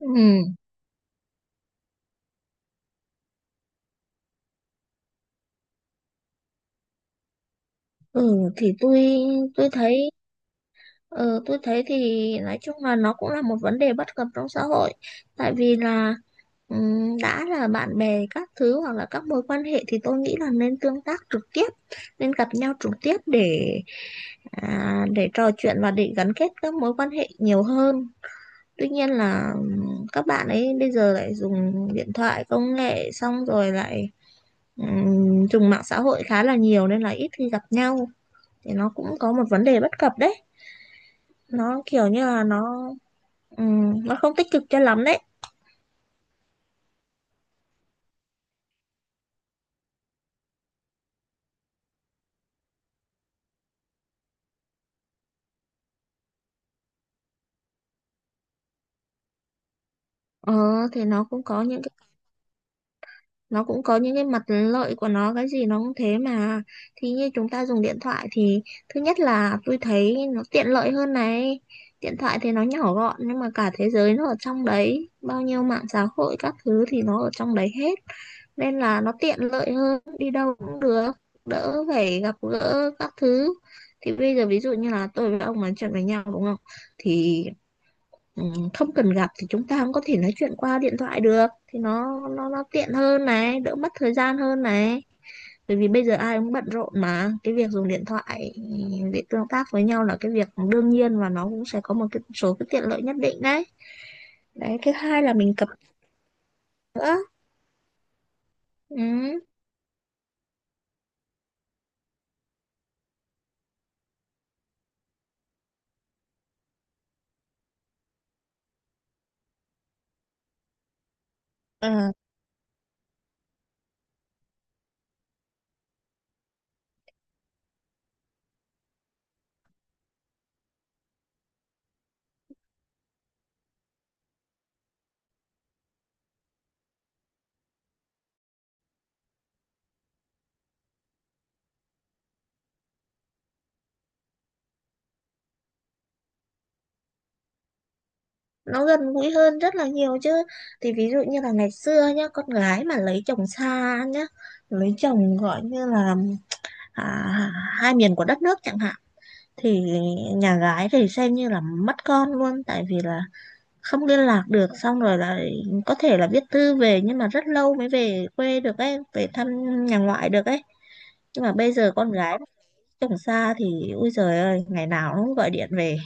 Ừ, ừ thì tôi thấy tôi thấy thì nói chung là nó cũng là một vấn đề bất cập trong xã hội, tại vì là đã là bạn bè các thứ hoặc là các mối quan hệ thì tôi nghĩ là nên tương tác trực tiếp, nên gặp nhau trực tiếp để để trò chuyện và để gắn kết các mối quan hệ nhiều hơn. Tuy nhiên là các bạn ấy bây giờ lại dùng điện thoại công nghệ xong rồi lại dùng mạng xã hội khá là nhiều nên là ít khi gặp nhau, thì nó cũng có một vấn đề bất cập đấy. Nó kiểu như là nó không tích cực cho lắm đấy. Ờ thì nó cũng có những cái, nó cũng có những cái mặt lợi của nó, cái gì nó cũng thế mà. Thì như chúng ta dùng điện thoại thì thứ nhất là tôi thấy nó tiện lợi hơn này. Điện thoại thì nó nhỏ gọn nhưng mà cả thế giới nó ở trong đấy, bao nhiêu mạng xã hội các thứ thì nó ở trong đấy hết, nên là nó tiện lợi hơn, đi đâu cũng được, đỡ phải gặp gỡ các thứ. Thì bây giờ ví dụ như là tôi với ông nói chuyện với nhau đúng không, thì không cần gặp thì chúng ta cũng có thể nói chuyện qua điện thoại được, thì nó tiện hơn này, đỡ mất thời gian hơn này. Bởi vì bây giờ ai cũng bận rộn mà cái việc dùng điện thoại để tương tác với nhau là cái việc đương nhiên, và nó cũng sẽ có một cái số cái tiện lợi nhất định đấy. Đấy, thứ hai là mình cập nữa. Ừ. Ờ, nó gần gũi hơn rất là nhiều chứ. Thì ví dụ như là ngày xưa nhá, con gái mà lấy chồng xa nhá, lấy chồng gọi như là à, hai miền của đất nước chẳng hạn, thì nhà gái thì xem như là mất con luôn, tại vì là không liên lạc được, xong rồi là có thể là viết thư về nhưng mà rất lâu mới về quê được ấy, về thăm nhà ngoại được ấy. Nhưng mà bây giờ con gái chồng xa thì ui trời ơi, ngày nào nó cũng gọi điện về.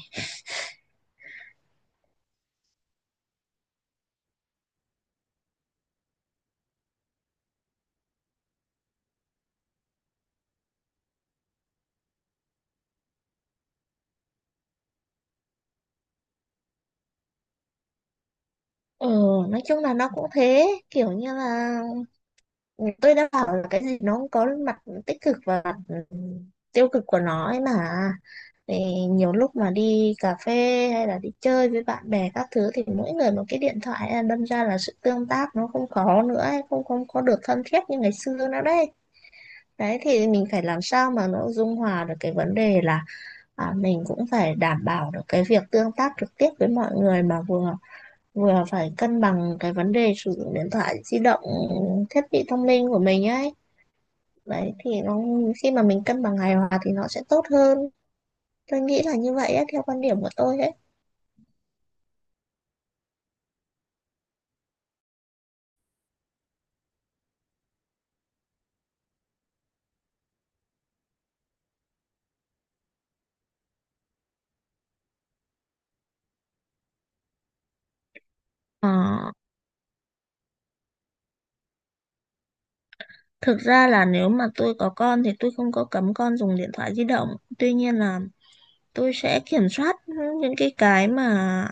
Ừ, nói chung là nó cũng thế, kiểu như là tôi đã bảo là cái gì nó cũng có mặt tích cực và mặt tiêu cực của nó ấy mà. Thì nhiều lúc mà đi cà phê hay là đi chơi với bạn bè các thứ thì mỗi người một cái điện thoại ấy, đâm ra là sự tương tác nó không có nữa ấy, không không có được thân thiết như ngày xưa nữa đấy. Đấy thì mình phải làm sao mà nó dung hòa được cái vấn đề là mình cũng phải đảm bảo được cái việc tương tác trực tiếp với mọi người, mà vừa vừa phải cân bằng cái vấn đề sử dụng điện thoại di động, thiết bị thông minh của mình ấy. Đấy thì nó, khi mà mình cân bằng hài hòa thì nó sẽ tốt hơn, tôi nghĩ là như vậy á, theo quan điểm của tôi ấy. Ờ, thực ra là nếu mà tôi có con thì tôi không có cấm con dùng điện thoại di động, tuy nhiên là tôi sẽ kiểm soát những cái mà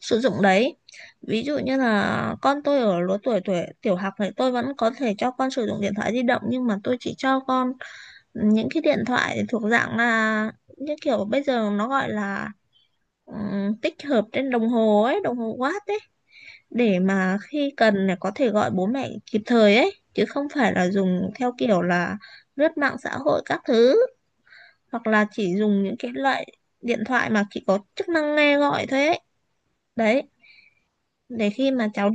sử dụng đấy. Ví dụ như là con tôi ở lứa tuổi tuổi tiểu học thì tôi vẫn có thể cho con sử dụng điện thoại di động, nhưng mà tôi chỉ cho con những cái điện thoại thuộc dạng là những kiểu bây giờ nó gọi là ừ, tích hợp trên đồng hồ ấy, đồng hồ Watt ấy, để mà khi cần là có thể gọi bố mẹ kịp thời ấy, chứ không phải là dùng theo kiểu là lướt mạng xã hội các thứ. Hoặc là chỉ dùng những cái loại điện thoại mà chỉ có chức năng nghe gọi thôi ấy. Đấy, để khi mà cháu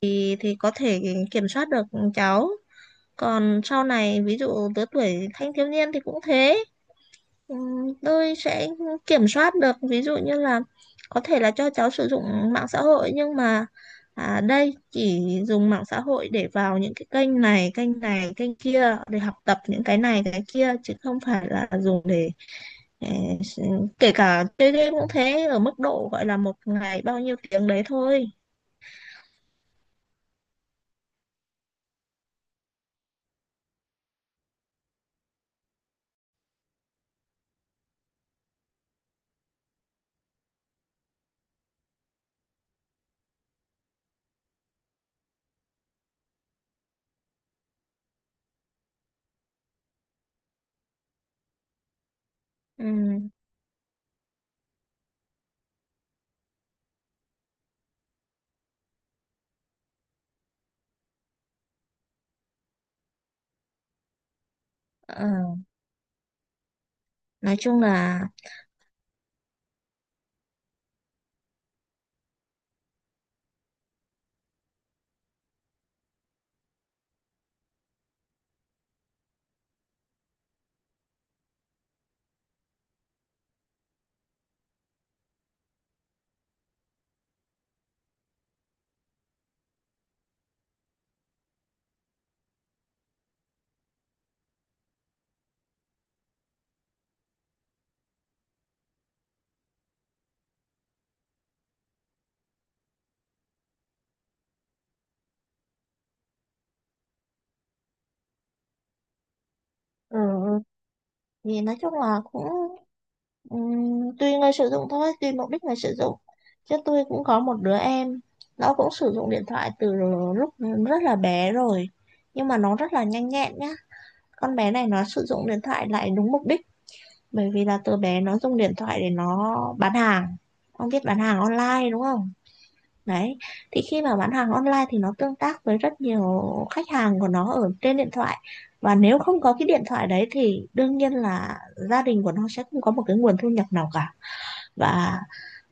thì có thể kiểm soát được cháu. Còn sau này ví dụ lứa tuổi thanh thiếu niên thì cũng thế. Ừ, tôi sẽ kiểm soát được, ví dụ như là có thể là cho cháu sử dụng mạng xã hội nhưng mà đây chỉ dùng mạng xã hội để vào những cái kênh này kênh này kênh kia để học tập những cái này cái kia, chứ không phải là dùng để ờ, kể cả chơi game cũng thế, ở mức độ gọi là một ngày bao nhiêu tiếng đấy thôi. Ừ. ờ, nói chung là ừ, Thì nói chung là cũng tùy người sử dụng thôi, tùy mục đích người sử dụng. Chứ tôi cũng có một đứa em, nó cũng sử dụng điện thoại từ lúc rất là bé rồi, nhưng mà nó rất là nhanh nhẹn nhá. Con bé này nó sử dụng điện thoại lại đúng mục đích, bởi vì là từ bé nó dùng điện thoại để nó bán hàng. Ông biết bán hàng online đúng không. Đấy, thì khi mà bán hàng online thì nó tương tác với rất nhiều khách hàng của nó ở trên điện thoại, và nếu không có cái điện thoại đấy thì đương nhiên là gia đình của nó sẽ không có một cái nguồn thu nhập nào cả, và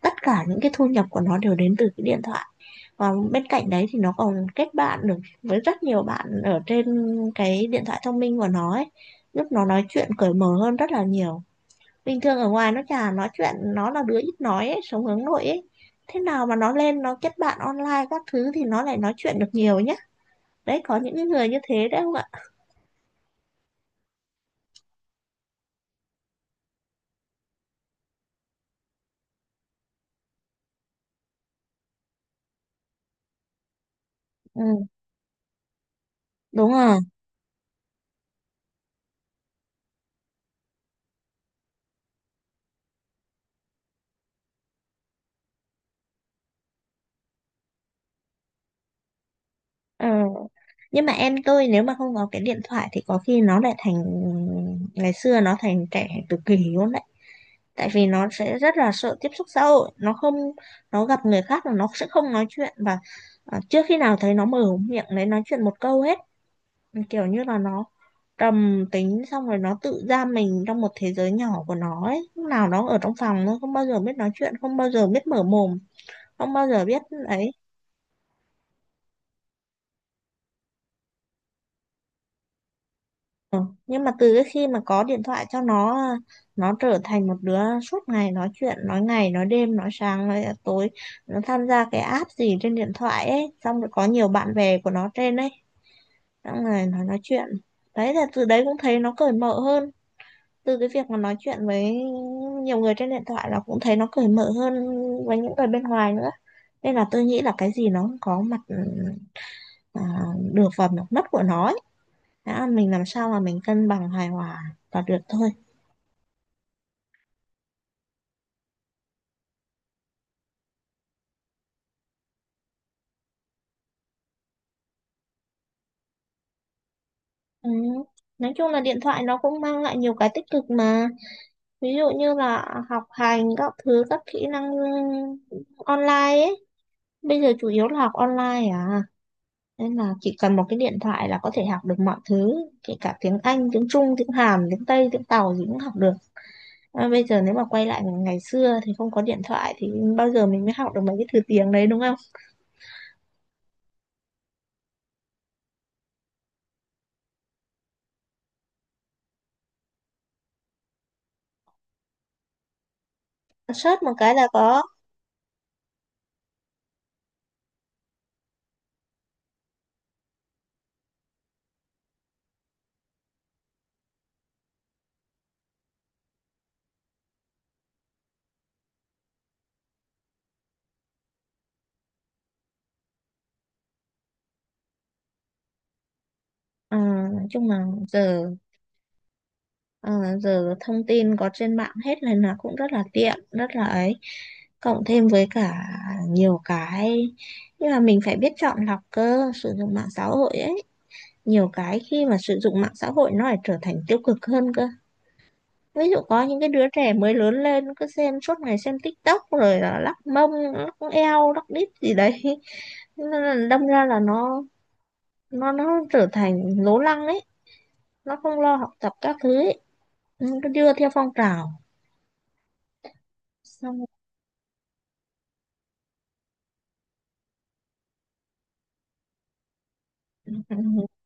tất cả những cái thu nhập của nó đều đến từ cái điện thoại. Và bên cạnh đấy thì nó còn kết bạn được với rất nhiều bạn ở trên cái điện thoại thông minh của nó ấy, giúp nó nói chuyện cởi mở hơn rất là nhiều. Bình thường ở ngoài nó chả nói chuyện, nó là đứa ít nói ấy, sống hướng nội ấy. Thế nào mà nó lên nó kết bạn online các thứ thì nó lại nói chuyện được nhiều nhá. Đấy, có những người như thế đấy không ạ. Ừ, đúng rồi. Ờ, nhưng mà em tôi nếu mà không có cái điện thoại thì có khi nó lại thành, ngày xưa nó thành trẻ tự kỷ luôn đấy, tại vì nó sẽ rất là sợ tiếp xúc xã hội, nó không, nó gặp người khác là nó sẽ không nói chuyện. Và trước khi nào thấy nó mở miệng đấy nói chuyện một câu hết, kiểu như là nó trầm tính, xong rồi nó tự giam mình trong một thế giới nhỏ của nó ấy, lúc nào nó ở trong phòng nó không bao giờ biết nói chuyện, không bao giờ biết mở mồm, không bao giờ biết ấy. Ừ, nhưng mà từ cái khi mà có điện thoại cho nó trở thành một đứa suốt ngày nói chuyện, nói ngày nói đêm nói sáng nói tối. Nó tham gia cái app gì trên điện thoại ấy, xong rồi có nhiều bạn bè của nó trên ấy, xong rồi nó nói chuyện. Đấy là từ đấy cũng thấy nó cởi mở hơn, từ cái việc mà nói chuyện với nhiều người trên điện thoại là cũng thấy nó cởi mở hơn với những người bên ngoài nữa. Nên là tôi nghĩ là cái gì nó cũng có mặt à, được và mặt mất của nó ấy. Đã, mình làm sao mà mình cân bằng hài hòa là được thôi. Ừ. Nói chung là điện thoại nó cũng mang lại nhiều cái tích cực mà, ví dụ như là học hành các thứ, các kỹ năng online ấy, bây giờ chủ yếu là học online à, nên là chỉ cần một cái điện thoại là có thể học được mọi thứ, kể cả tiếng Anh, tiếng Trung, tiếng Hàn, tiếng Tây, tiếng Tàu gì cũng học được. À, bây giờ nếu mà quay lại ngày xưa thì không có điện thoại thì bao giờ mình mới học được mấy cái thứ tiếng đấy, đúng không. Search một cái là có. À, nói chung là giờ, ờ, giờ thông tin có trên mạng hết này, là cũng rất là tiện, rất là ấy. Cộng thêm với cả nhiều cái, nhưng mà mình phải biết chọn lọc cơ, sử dụng mạng xã hội ấy, nhiều cái khi mà sử dụng mạng xã hội nó lại trở thành tiêu cực hơn cơ. Ví dụ có những cái đứa trẻ mới lớn lên cứ xem suốt ngày, xem TikTok rồi là lắc mông lắc eo lắc đít gì đấy. Nên là đâm ra là nó trở thành lố lăng ấy, nó không lo học tập các thứ ấy, nó cứ đưa theo phong trào xong.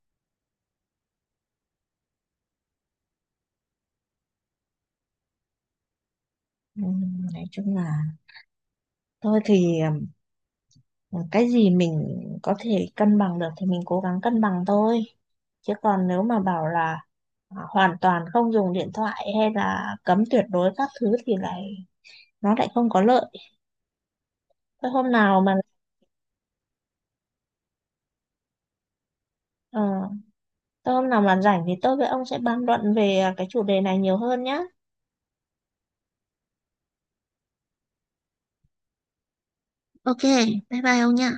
Ừ, ừ, ừ. Nói chung là thôi thì, ừ, cái gì mình có thể cân bằng được thì mình cố gắng cân bằng thôi, chứ còn nếu mà bảo là hoàn toàn không dùng điện thoại hay là cấm tuyệt đối các thứ thì lại, nó lại không có lợi. thôi hôm nào mà ờ, Thôi hôm nào mà rảnh thì tôi với ông sẽ bàn luận về cái chủ đề này nhiều hơn nhá. Ok, bye bye ông nha.